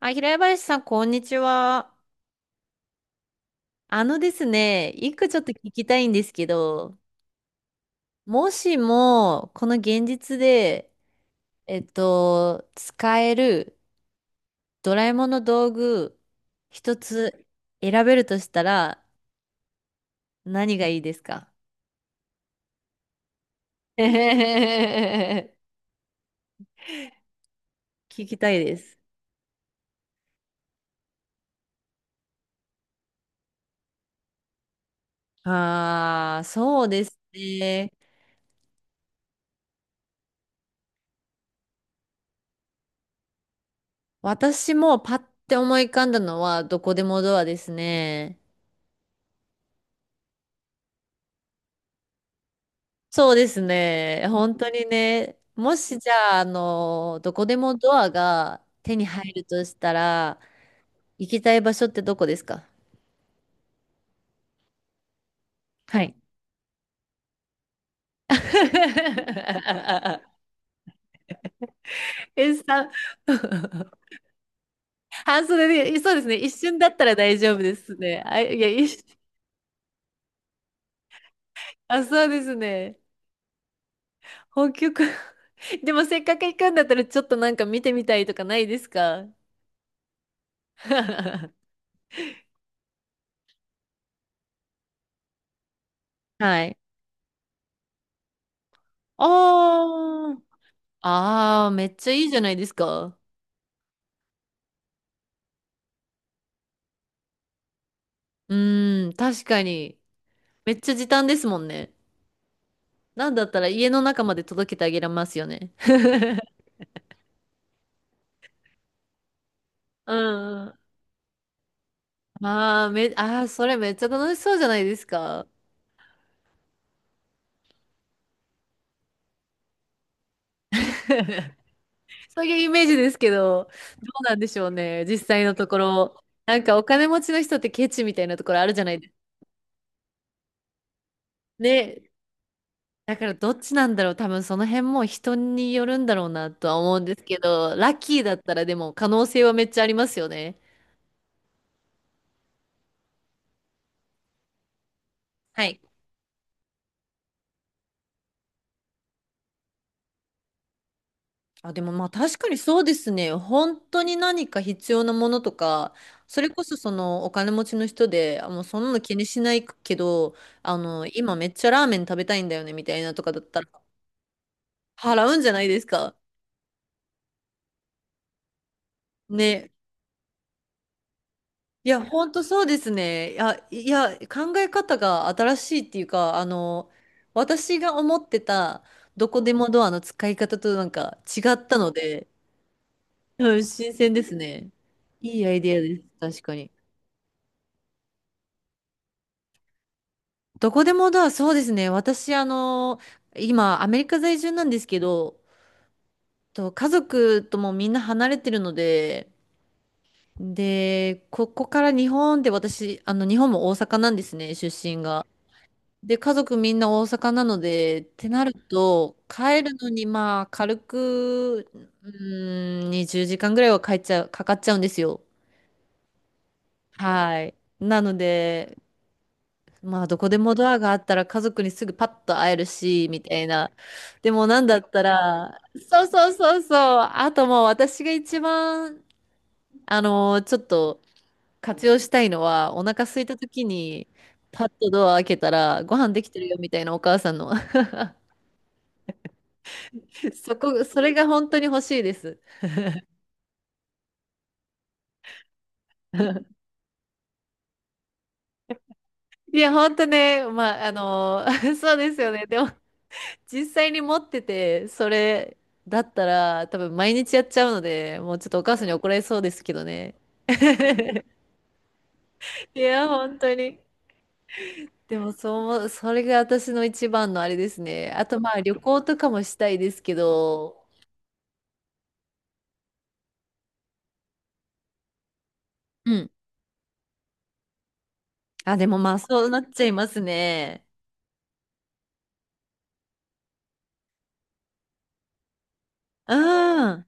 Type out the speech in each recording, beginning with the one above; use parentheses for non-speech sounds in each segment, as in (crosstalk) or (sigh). あ、平林さん、こんにちは。あのですね、一個ちょっと聞きたいんですけど、もしも、この現実で、使えるドラえもんの道具、一つ選べるとしたら、何がいいですか？ (laughs) 聞きたいです。ああ、そうですね。私もパッて思い浮かんだのは、どこでもドアですね。そうですね。本当にね、もしじゃあ、どこでもドアが手に入るとしたら、行きたい場所ってどこですか？はい。(laughs) え、さ、(laughs) 半袖で、そうですね。一瞬だったら大丈夫ですね。あ、いや、あ、そうですね。北極。(laughs) でもせっかく行くんだったら、ちょっとなんか見てみたいとかないですか？ (laughs) はい。ああ、ああ、めっちゃいいじゃないですか。うーん、確かに。めっちゃ時短ですもんね。なんだったら家の中まで届けてあげられますよね。(laughs) うんうん。まあ、ああ、それめっちゃ楽しそうじゃないですか。そういうイメージですけど、どうなんでしょうね、実際のところ。なんかお金持ちの人ってケチみたいなところあるじゃないですか。ね、だからどっちなんだろう、多分その辺も人によるんだろうなとは思うんですけど、ラッキーだったらでも可能性はめっちゃありますよね。はい。あ、でもまあ確かにそうですね。本当に何か必要なものとか、それこそそのお金持ちの人で、あ、もうそんなの気にしないけど、今めっちゃラーメン食べたいんだよねみたいなとかだったら、払うんじゃないですか。ね。いや、本当そうですね。いや、いや、考え方が新しいっていうか、私が思ってたどこでもドアの使い方となんか違ったので、うん、新鮮ですね。いいアイデアです。確かに。どこでもだ、そうですね。私、今、アメリカ在住なんですけど、と家族ともみんな離れてるので、で、ここから日本で私、日本も大阪なんですね、出身が。で、家族みんな大阪なので、ってなると、帰るのに、まあ、軽く、う20時間ぐらいは帰っちゃう、かかっちゃうんですよ。はい。なので、まあ、どこでもドアがあったら家族にすぐパッと会えるし、みたいな。でも、なんだったら、そうそうそうそう。あともう私が一番、ちょっと活用したいのは、お腹空いた時に、パッとドア開けたら、ご飯できてるよ、みたいなお母さんの。(laughs) それが本当に欲しいです。(laughs) いや、本当ね、まあ、(laughs) そうですよね。でも、実際に持ってて、それだったら多分毎日やっちゃうので、もうちょっとお母さんに怒られそうですけどね。いや、本当に。でもそう思う、それが私の一番のあれですね。あとまあ旅行とかもしたいですけど、うん。あ、でもまあそうなっちゃいますね。うん。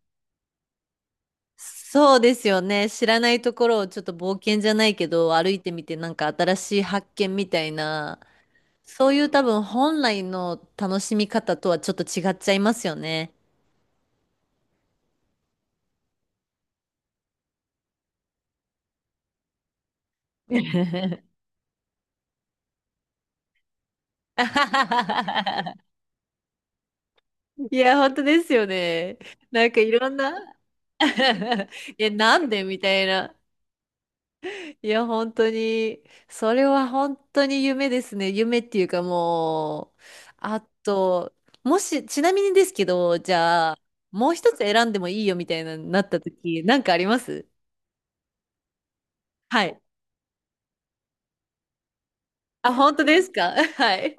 そうですよね。知らないところをちょっと冒険じゃないけど、歩いてみてなんか新しい発見みたいな、そういう多分本来の楽しみ方とはちょっと違っちゃいますよね。(laughs) いや、本当ですよね。なんかいろんな (laughs) いや、なんでみたいな。いや、本当に、それは本当に夢ですね。夢っていうかもう、あと、もし、ちなみにですけど、じゃあ、もう一つ選んでもいいよみたいな、なった時、なんかあります？はい。あ、本当ですか？ (laughs) はい。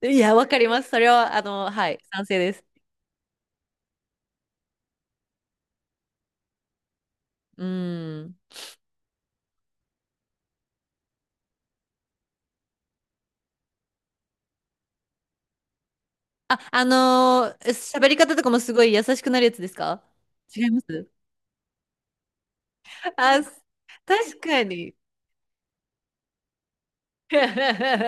いや、わかります。それは、はい、賛成です。うん。あ、喋り方とかもすごい優しくなるやつですか？違います？あ、確かに。(laughs)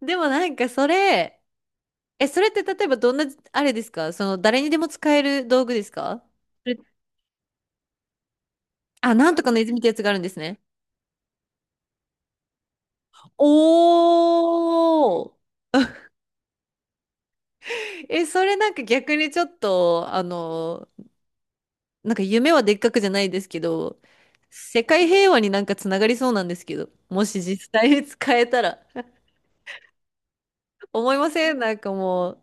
でもなんかそれ、え、それって例えばどんな、あれですか？その誰にでも使える道具ですか？それあ、なんとかの泉ってやつがあるんですね。おー。え、それなんか逆にちょっと、なんか夢はでっかくじゃないですけど、世界平和になんかつながりそうなんですけど、もし実際に使えたら。思いません？なんかもう。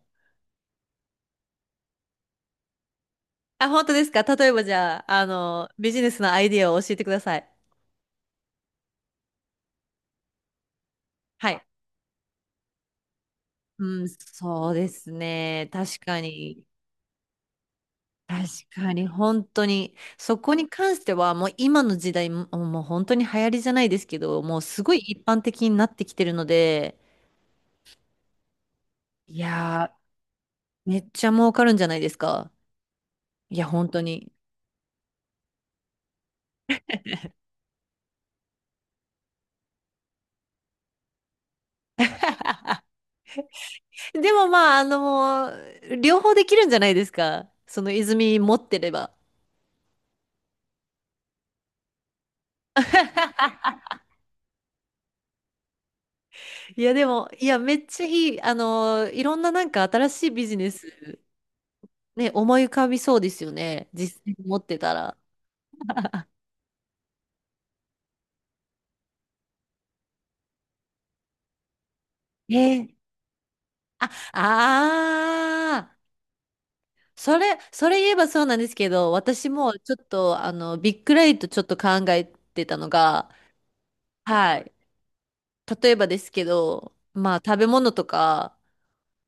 あ、本当ですか？例えばじゃあ、ビジネスのアイディアを教えてください。はい。うん、そうですね。確かに。確かに、本当に。そこに関しては、もう今の時代、もう本当に流行りじゃないですけど、もうすごい一般的になってきてるので、いやー、めっちゃ儲かるんじゃないですか。いや、本当に。でもまあ、両方できるんじゃないですか。その泉持ってれば。(laughs) いや、でも、いや、めっちゃいい。いろんななんか新しいビジネス、ね、思い浮かびそうですよね。実際に持ってたら。えああー、それ言えばそうなんですけど、私もちょっと、ビッグライトちょっと考えてたのが、はい。例えばですけど、まあ、食べ物とか、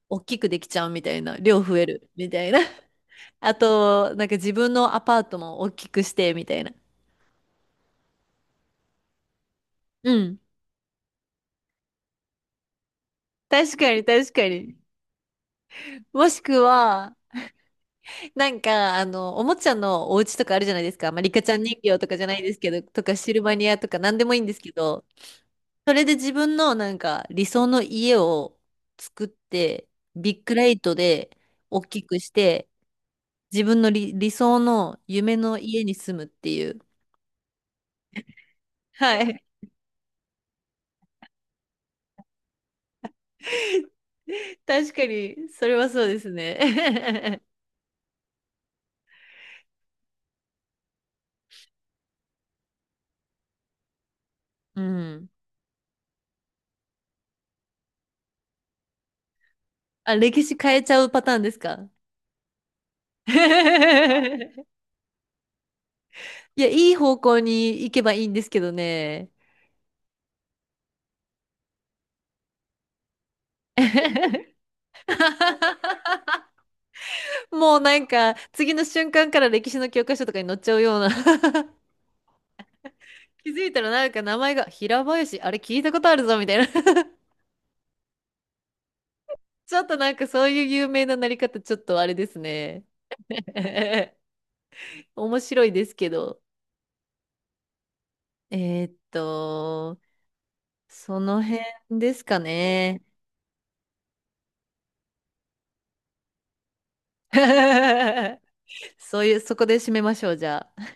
大きくできちゃうみたいな、量増えるみたいな。(laughs) あと、なんか自分のアパートも大きくしてみたいな。うん。確かに、確かに。もしくは、なんか、おもちゃのお家とかあるじゃないですか。まあ、リカちゃん人形とかじゃないですけど、とかシルバニアとかなんでもいいんですけど、それで自分のなんか理想の家を作って、ビッグライトで大きくして、自分の理想の夢の家に住むっていう。はい。(laughs) 確かに、それはそうですね。(laughs) うん。あ、歴史変えちゃうパターンですか？ (laughs) いや、いい方向に行けばいいんですけどね。(laughs) もうなんか、次の瞬間から歴史の教科書とかに載っちゃうような (laughs) 気づいたらなんか名前が平林、あれ聞いたことあるぞみたいな (laughs) ちょっとなんかそういう有名ななり方、ちょっとあれですね。(laughs) 面白いですけど。えーっと、その辺ですかね。(laughs) そういう、そこで締めましょう、じゃあ。